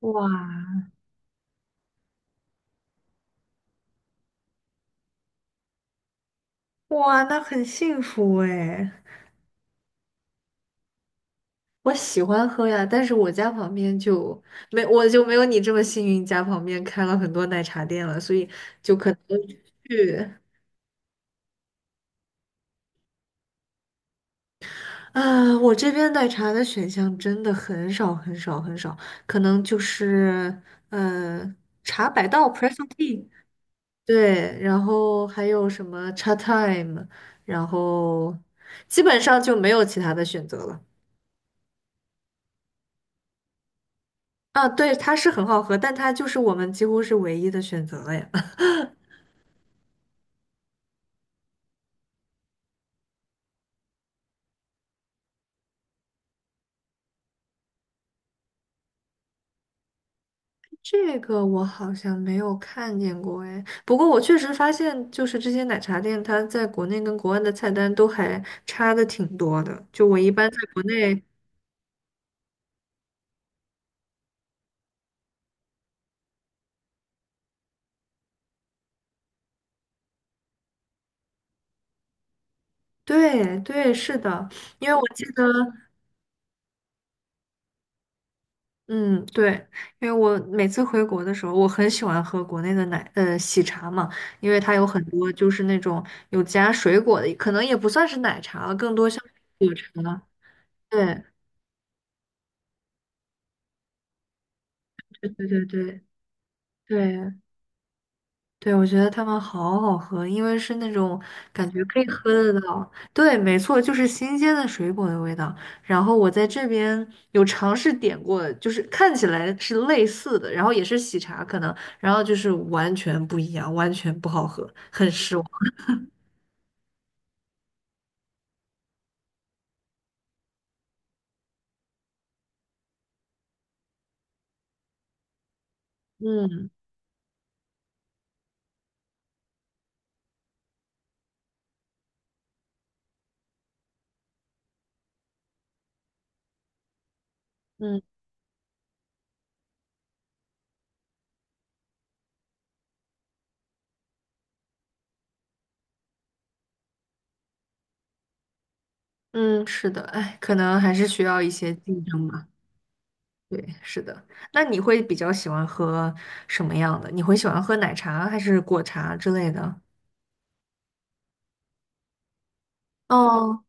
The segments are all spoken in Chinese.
哇哇，那很幸福哎！我喜欢喝呀，但是我家旁边就没，我就没有你这么幸运，家旁边开了很多奶茶店了，所以就可能去啊，我这边奶茶的选项真的很少很少很少，可能就是嗯，茶百道 （Presso Tea） 对，然后还有什么茶 Time，然后基本上就没有其他的选择了。啊，对，它是很好喝，但它就是我们几乎是唯一的选择了呀。这个我好像没有看见过哎，不过我确实发现，就是这些奶茶店，它在国内跟国外的菜单都还差的挺多的。就我一般在国内，对对，是的，因为我记得，嗯，对，因为我每次回国的时候，我很喜欢喝国内的喜茶嘛，因为它有很多就是那种有加水果的，可能也不算是奶茶了，更多像果茶。对，对对对对对，我觉得它们好好喝，因为是那种感觉可以喝得到。对，没错，就是新鲜的水果的味道。然后我在这边有尝试点过，就是看起来是类似的，然后也是喜茶可能，然后就是完全不一样，完全不好喝，很失望。嗯嗯嗯，是的，哎，可能还是需要一些竞争吧。对，是的。那你会比较喜欢喝什么样的？你会喜欢喝奶茶还是果茶之类的？哦，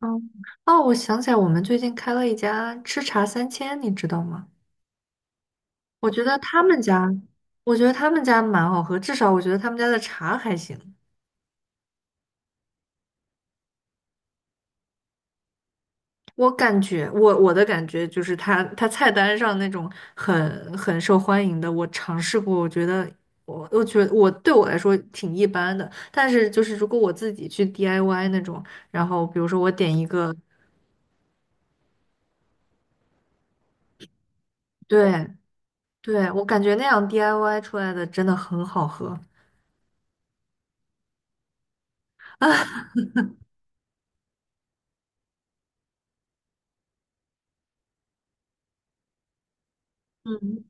哦哦，我想起来，我们最近开了一家吃茶三千，你知道吗？我觉得他们家，我觉得他们家蛮好喝，至少我觉得他们家的茶还行。我感觉，我的感觉就是他菜单上那种很受欢迎的，我尝试过，我觉得对我来说挺一般的。但是就是如果我自己去 DIY 那种，然后比如说我点一个，对对，我感觉那样 DIY 出来的真的很好喝。嗯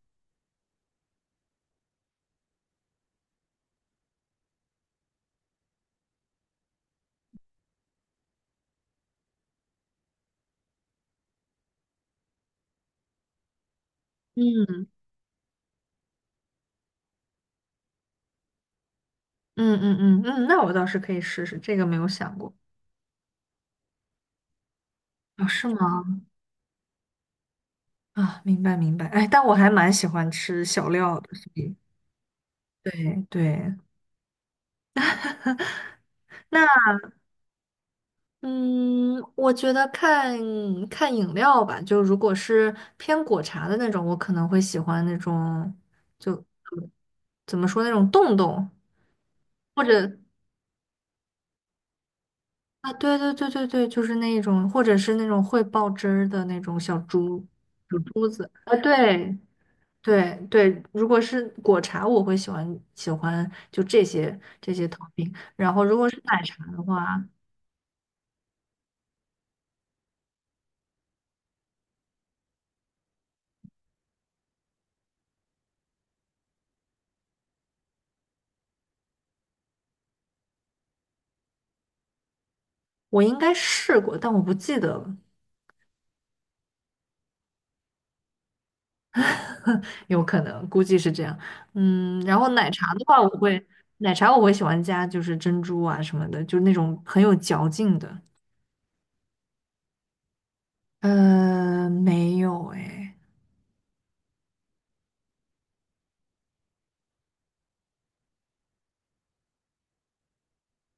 嗯嗯嗯嗯嗯，那我倒是可以试试，这个没有想过。哦，是吗？啊，明白明白。哎，但我还蛮喜欢吃小料的，所以对对。那嗯，我觉得看看饮料吧，就如果是偏果茶的那种，我可能会喜欢那种，就怎么说那种冻冻，或者啊，对对对对对，就是那一种，或者是那种会爆汁儿的那种小珠子啊，对对对，如果是果茶，我会喜欢就这些 topping。然后如果是奶茶的话，我应该试过，但我不记得了，有可能估计是这样。嗯，然后奶茶的话，奶茶我会喜欢加就是珍珠啊什么的，就是那种很有嚼劲的。没有哎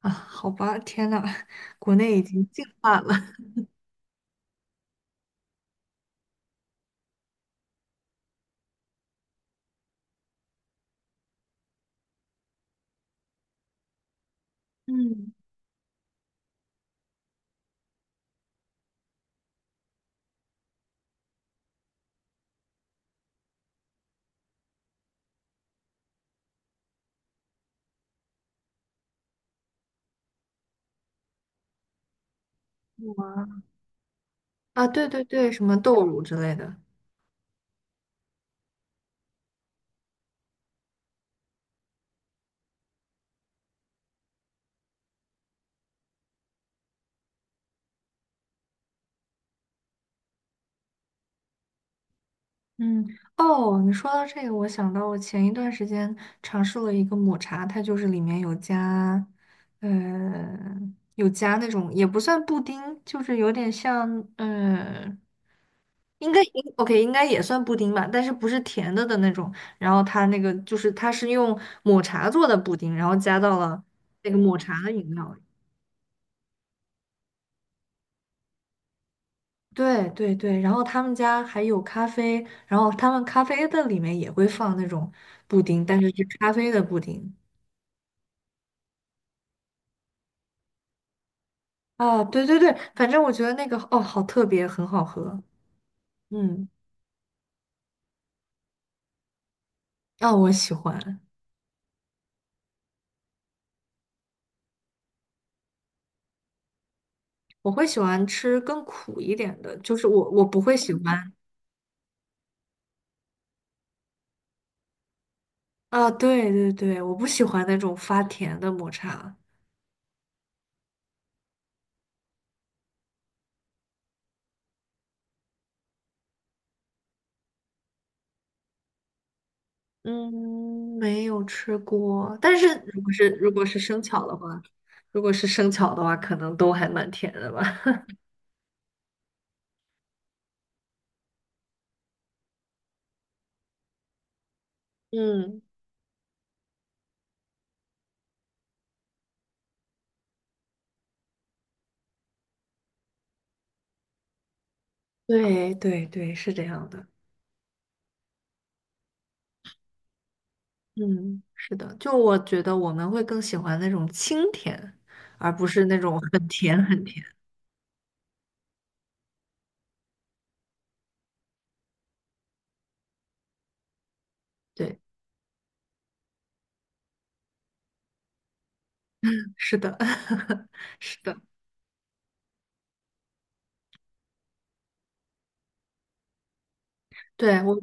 啊，好吧，天呐，国内已经进化了。嗯啊，对对对，什么豆乳之类的。嗯，哦，你说到这个，我想到我前一段时间尝试了一个抹茶，它就是里面呃，有加那种也不算布丁，就是有点像，呃，应该 OK，应该也算布丁吧，但是不是甜的那种。然后它那个就是它是用抹茶做的布丁，然后加到了那个抹茶的饮料里。对对对，然后他们家还有咖啡，然后他们咖啡的里面也会放那种布丁，但是是咖啡的布丁。啊，对对对，反正我觉得那个哦，好特别，很好喝。嗯，啊，我喜欢，我会喜欢吃更苦一点的，就是我不会喜欢啊，对对对，我不喜欢那种发甜的抹茶。嗯，没有吃过，但是如果是生巧的话，可能都还蛮甜的吧。嗯，对对对，是这样的。嗯，是的，就我觉得我们会更喜欢那种清甜，而不是那种很甜很甜。对，是的，是的，对，我，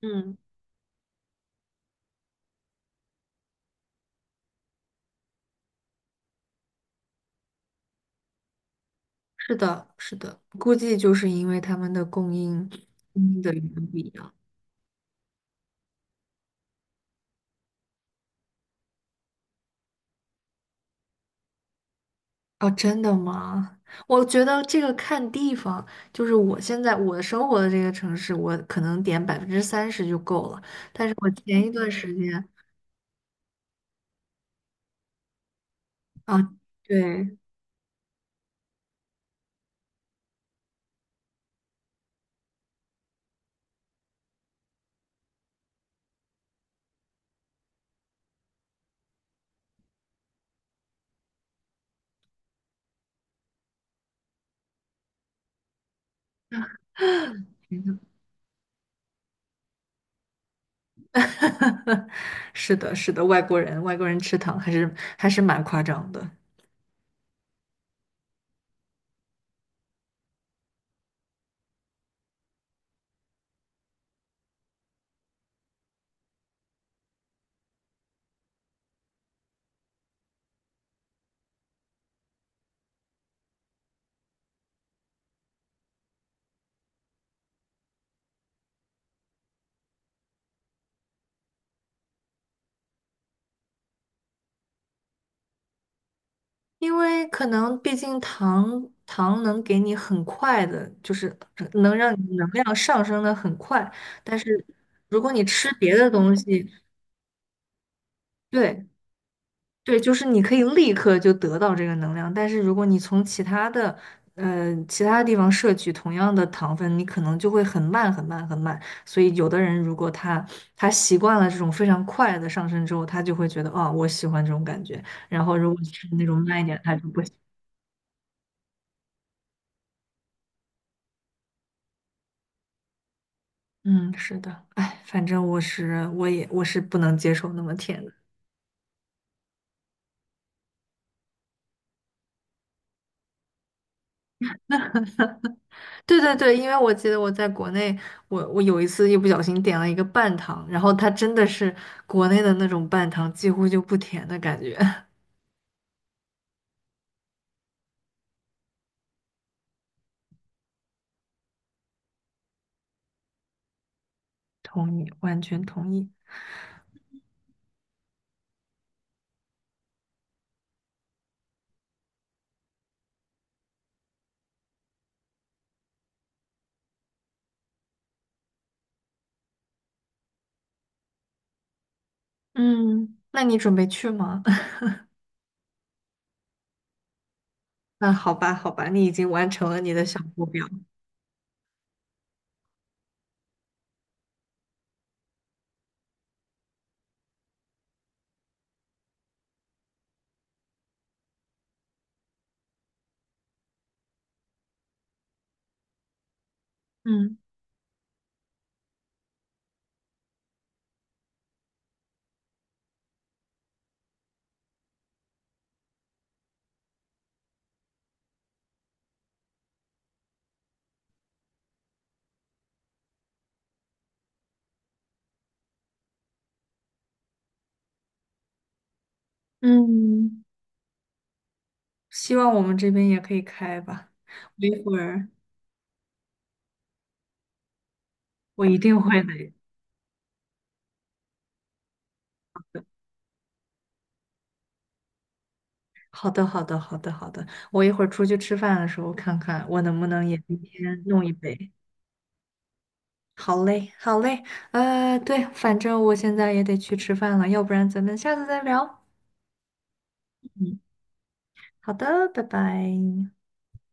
嗯，是的，是的，估计就是因为他们的供应的源不一样。哦，真的吗？我觉得这个看地方，就是我现在我生活的这个城市，我可能点30%就够了。但是我前一段时间啊，对。是的，是的，外国人吃糖还是蛮夸张的，因为可能毕竟糖能给你很快的，就是能让你能量上升的很快，但是如果你吃别的东西，对，对，就是你可以立刻就得到这个能量，但是如果你从其他地方摄取同样的糖分，你可能就会很慢、很慢、很慢。所以，有的人如果他习惯了这种非常快的上升之后，他就会觉得啊、我喜欢这种感觉。然后，如果是那种慢一点，他就不行。嗯，是的，哎，反正我是不能接受那么甜的。对对对，因为我记得我在国内，我有一次一不小心点了一个半糖，然后它真的是国内的那种半糖，几乎就不甜的感觉。同意，完全同意。嗯，那你准备去吗？那好吧，好吧，你已经完成了你的小目标。嗯嗯，希望我们这边也可以开吧。我一会儿我一定会的。好的，好的，好的，好的。我一会儿出去吃饭的时候看看，我能不能也今天弄一杯。好嘞，好嘞，对，反正我现在也得去吃饭了，要不然咱们下次再聊。嗯，好的，拜拜。